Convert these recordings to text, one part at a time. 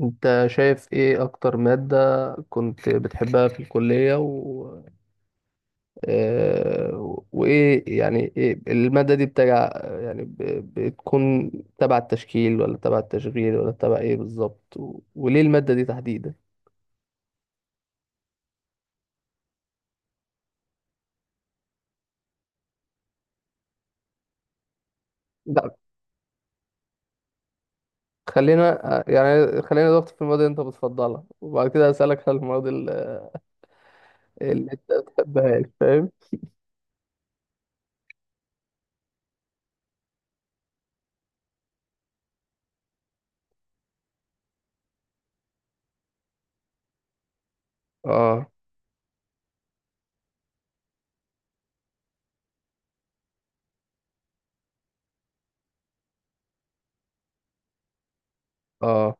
انت شايف ايه اكتر مادة كنت بتحبها في الكلية و... آه، وايه يعني إيه المادة دي بتجع، يعني بتكون تبع التشكيل، ولا تبع التشغيل، ولا تبع ايه بالظبط، وليه المادة دي تحديدا؟ لا خلينا آه، يعني خلينا نضغط في المواد اللي انت بتفضلها، وبعد كده هسألك على المواد اللي انت بتحبهاش، فاهم؟ اه، اه.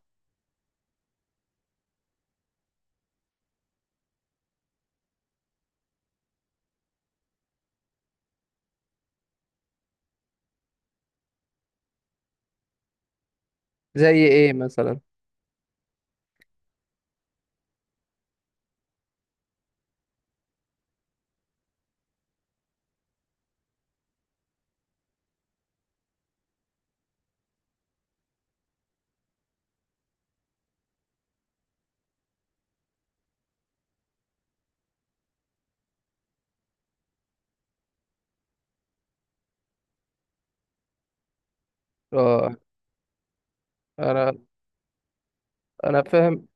زي ايه مثلا؟ اه، انا انا فاهم.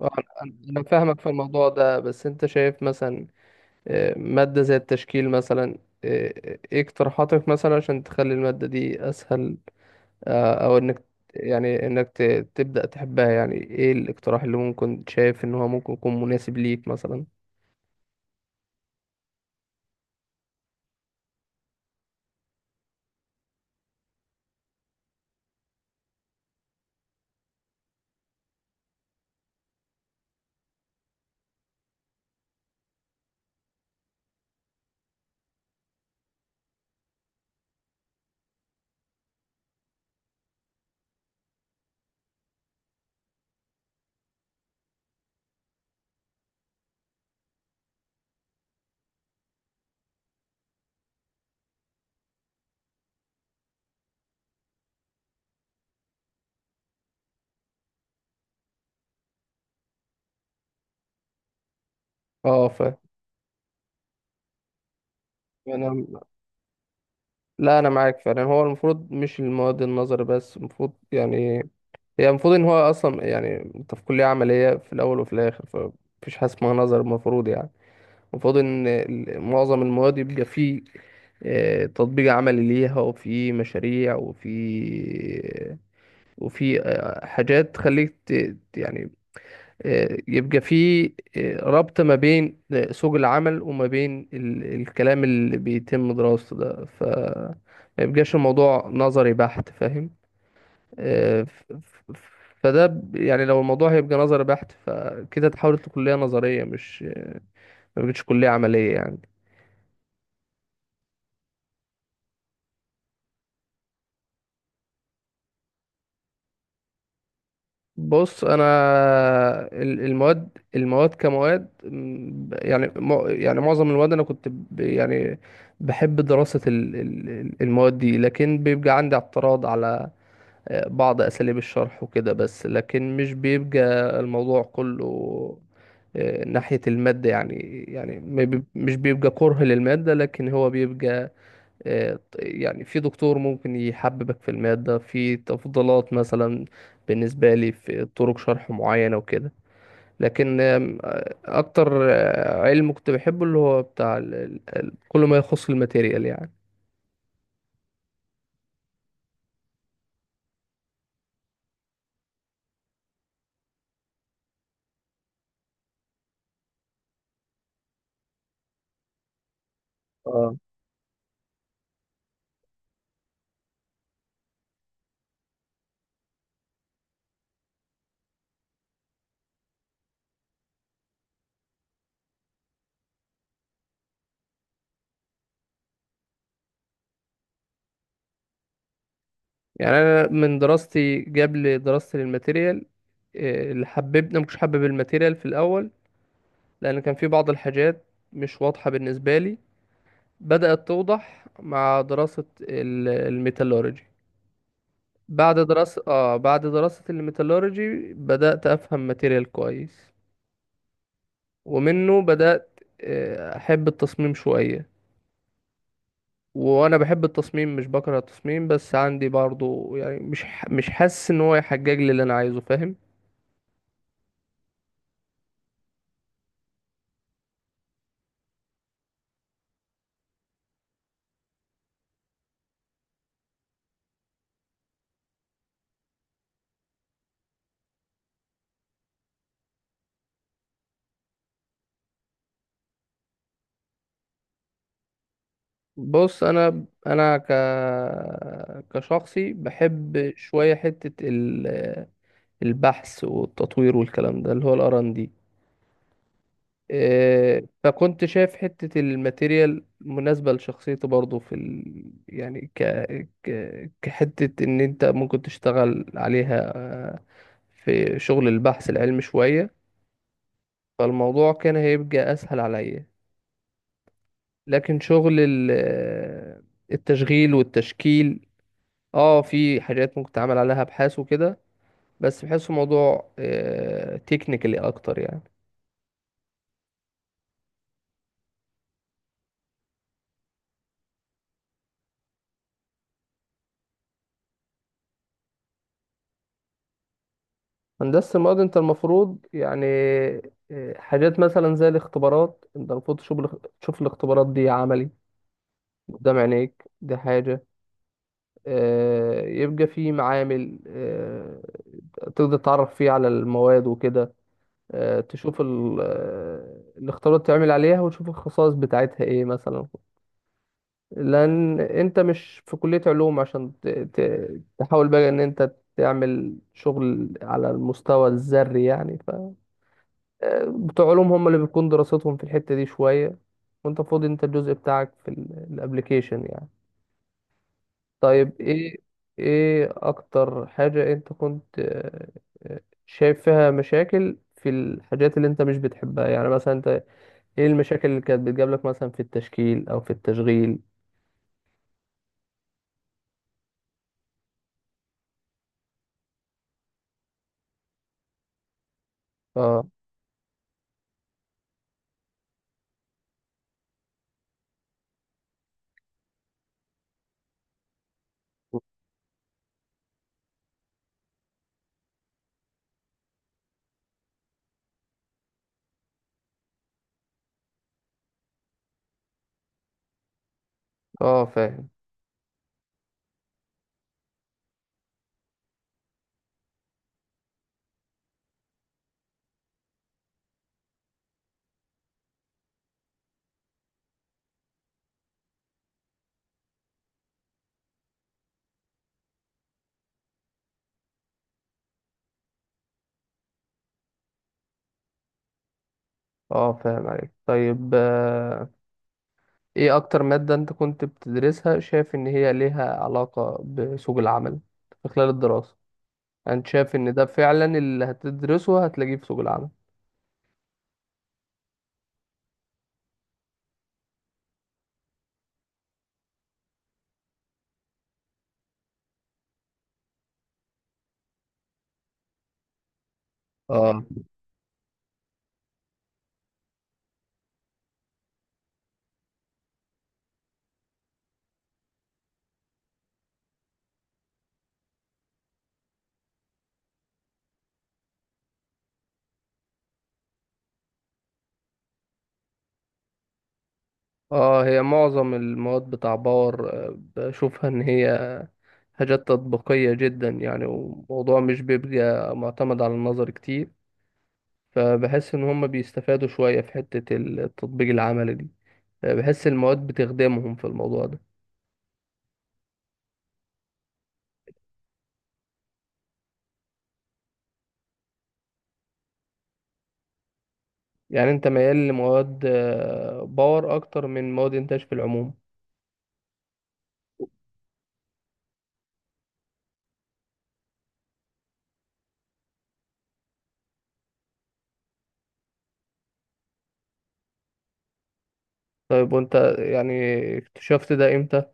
آه، أنا فاهمك في الموضوع ده، بس أنت شايف مثلا مادة زي التشكيل مثلا، إيه اقتراحاتك مثلا عشان تخلي المادة دي أسهل؟ أو إنك، يعني إنك تبدأ تحبها؟ يعني إيه الاقتراح اللي ممكن شايف إن هو ممكن يكون مناسب ليك مثلا؟ أه، فاهم. أنا، لا أنا معاك فعلا. هو المفروض مش المواد النظر بس، المفروض يعني هي المفروض إن هو أصلا يعني أنت في كلية عملية في الأول وفي الآخر، فمفيش حاجة اسمها نظر المفروض يعني. وفاضل ان معظم المواد يبقى فيه تطبيق عملي ليها، وفي مشاريع، وفي حاجات تخليك يعني، يبقى في ربط ما بين سوق العمل وما بين الكلام اللي بيتم دراسته ده، ف ما يبقاش الموضوع نظري بحت، فاهم؟ آه، ف- ف- فده يعني لو الموضوع هيبقى نظري بحت، فكده تحول لكلية نظرية، مش ما بقتش كلية عملية يعني. بص انا ال- المواد المواد كمواد م، يعني يعني معظم المواد انا كنت يعني بحب دراسة المواد دي، لكن بيبقى عندي اعتراض على بعض اساليب الشرح وكده بس، لكن مش بيبقى الموضوع كله ناحية المادة يعني، يعني ما بيب- مش بيبقى كره للمادة، لكن هو بيبقى يعني في دكتور ممكن يحببك في المادة، في تفضيلات مثلا، بالنسبة لي في طرق شرح معينة وكده. لكن آم، آه، أكتر علم كنت بحبه اللي هو بتاع كل ما يخص الماتيريال يعني. اه، يعني أنا من دراستي قبل دراستي للماتيريال، اللي حببنا مش حابب الماتيريال في الأول لأن كان في بعض الحاجات مش واضحة بالنسبة لي، بدأت توضح مع دراسة الميتالورجي. بعد دراسة الميتالورجي بدأت أفهم ماتيريال كويس، ومنه بدأت أحب التصميم شوية. وأنا بحب التصميم، مش بكره التصميم، بس عندي برضو يعني مش حاسس إن هو يحجج لي اللي أنا عايزه، فاهم؟ بص أنا كشخصي بحب شوية حتة البحث والتطوير والكلام ده اللي هو ال R&D. فكنت شايف حتة الماتيريال مناسبة لشخصيته برضه في ال... يعني ك... ك... كحتة إن أنت ممكن تشتغل عليها، في شغل البحث العلمي شوية، فالموضوع كان هيبقى أسهل عليا. لكن شغل ال... آه، التشغيل والتشكيل، اه في حاجات ممكن تعمل عليها أبحاث وكده، بس بحسه موضوع تكنيكالي أكتر يعني. هندسة المواد انت المفروض يعني إيه، حاجات مثلا زي الاختبارات، انت المفروض تشوف الاختبارات دي عملي قدام عينيك، دي حاجة. يبقى في معامل تقدر تتعرف فيه على المواد وكده، تشوف الاختبارات تعمل عليها وتشوف الخصائص بتاعتها ايه مثلا. لان انت مش في كلية علوم عشان تحاول بقى ان انت تعمل شغل على المستوى الذري يعني. بتوع علوم هم اللي بتكون دراستهم في الحتة دي شوية، وانت فاضي، انت الجزء بتاعك في الابليكيشن يعني. طيب، ايه اكتر حاجة انت كنت شايف فيها مشاكل في الحاجات اللي انت مش بتحبها يعني؟ مثلا انت ايه المشاكل اللي كانت بتجاب لك مثلا في التشكيل او في التشغيل؟ اه، اه، فاهم. اه، فاهم عليك. طيب ايه اكتر مادة انت كنت بتدرسها شايف ان هي ليها علاقة بسوق العمل في خلال الدراسة؟ انت شايف ان ده فعلا اللي هتدرسه هتلاقيه في سوق العمل؟ اه. اه، هي معظم المواد بتاع باور بشوفها ان هي حاجات تطبيقية جدا يعني، وموضوع مش بيبقى معتمد على النظر كتير، فبحس ان هم بيستفادوا شوية في حتة التطبيق العملي دي. بحس المواد بتخدمهم في الموضوع ده. يعني انت ميال لمواد باور اكتر من مواد انتاج في العموم؟ طيب، وانت يعني اكتشفت ده امتى؟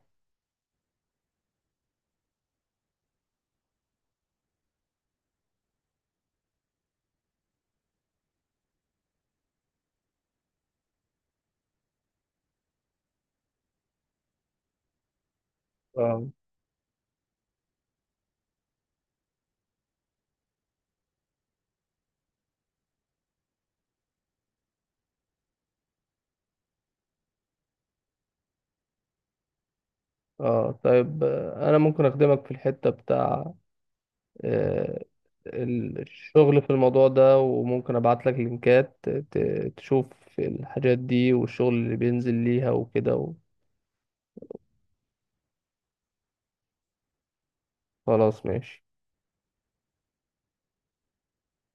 اه، طيب انا ممكن اخدمك في الحتة بتاع آه، الشغل في الموضوع ده، وممكن ابعت لك لينكات تشوف الحاجات دي والشغل اللي بينزل ليها وكده. خلاص ماشي.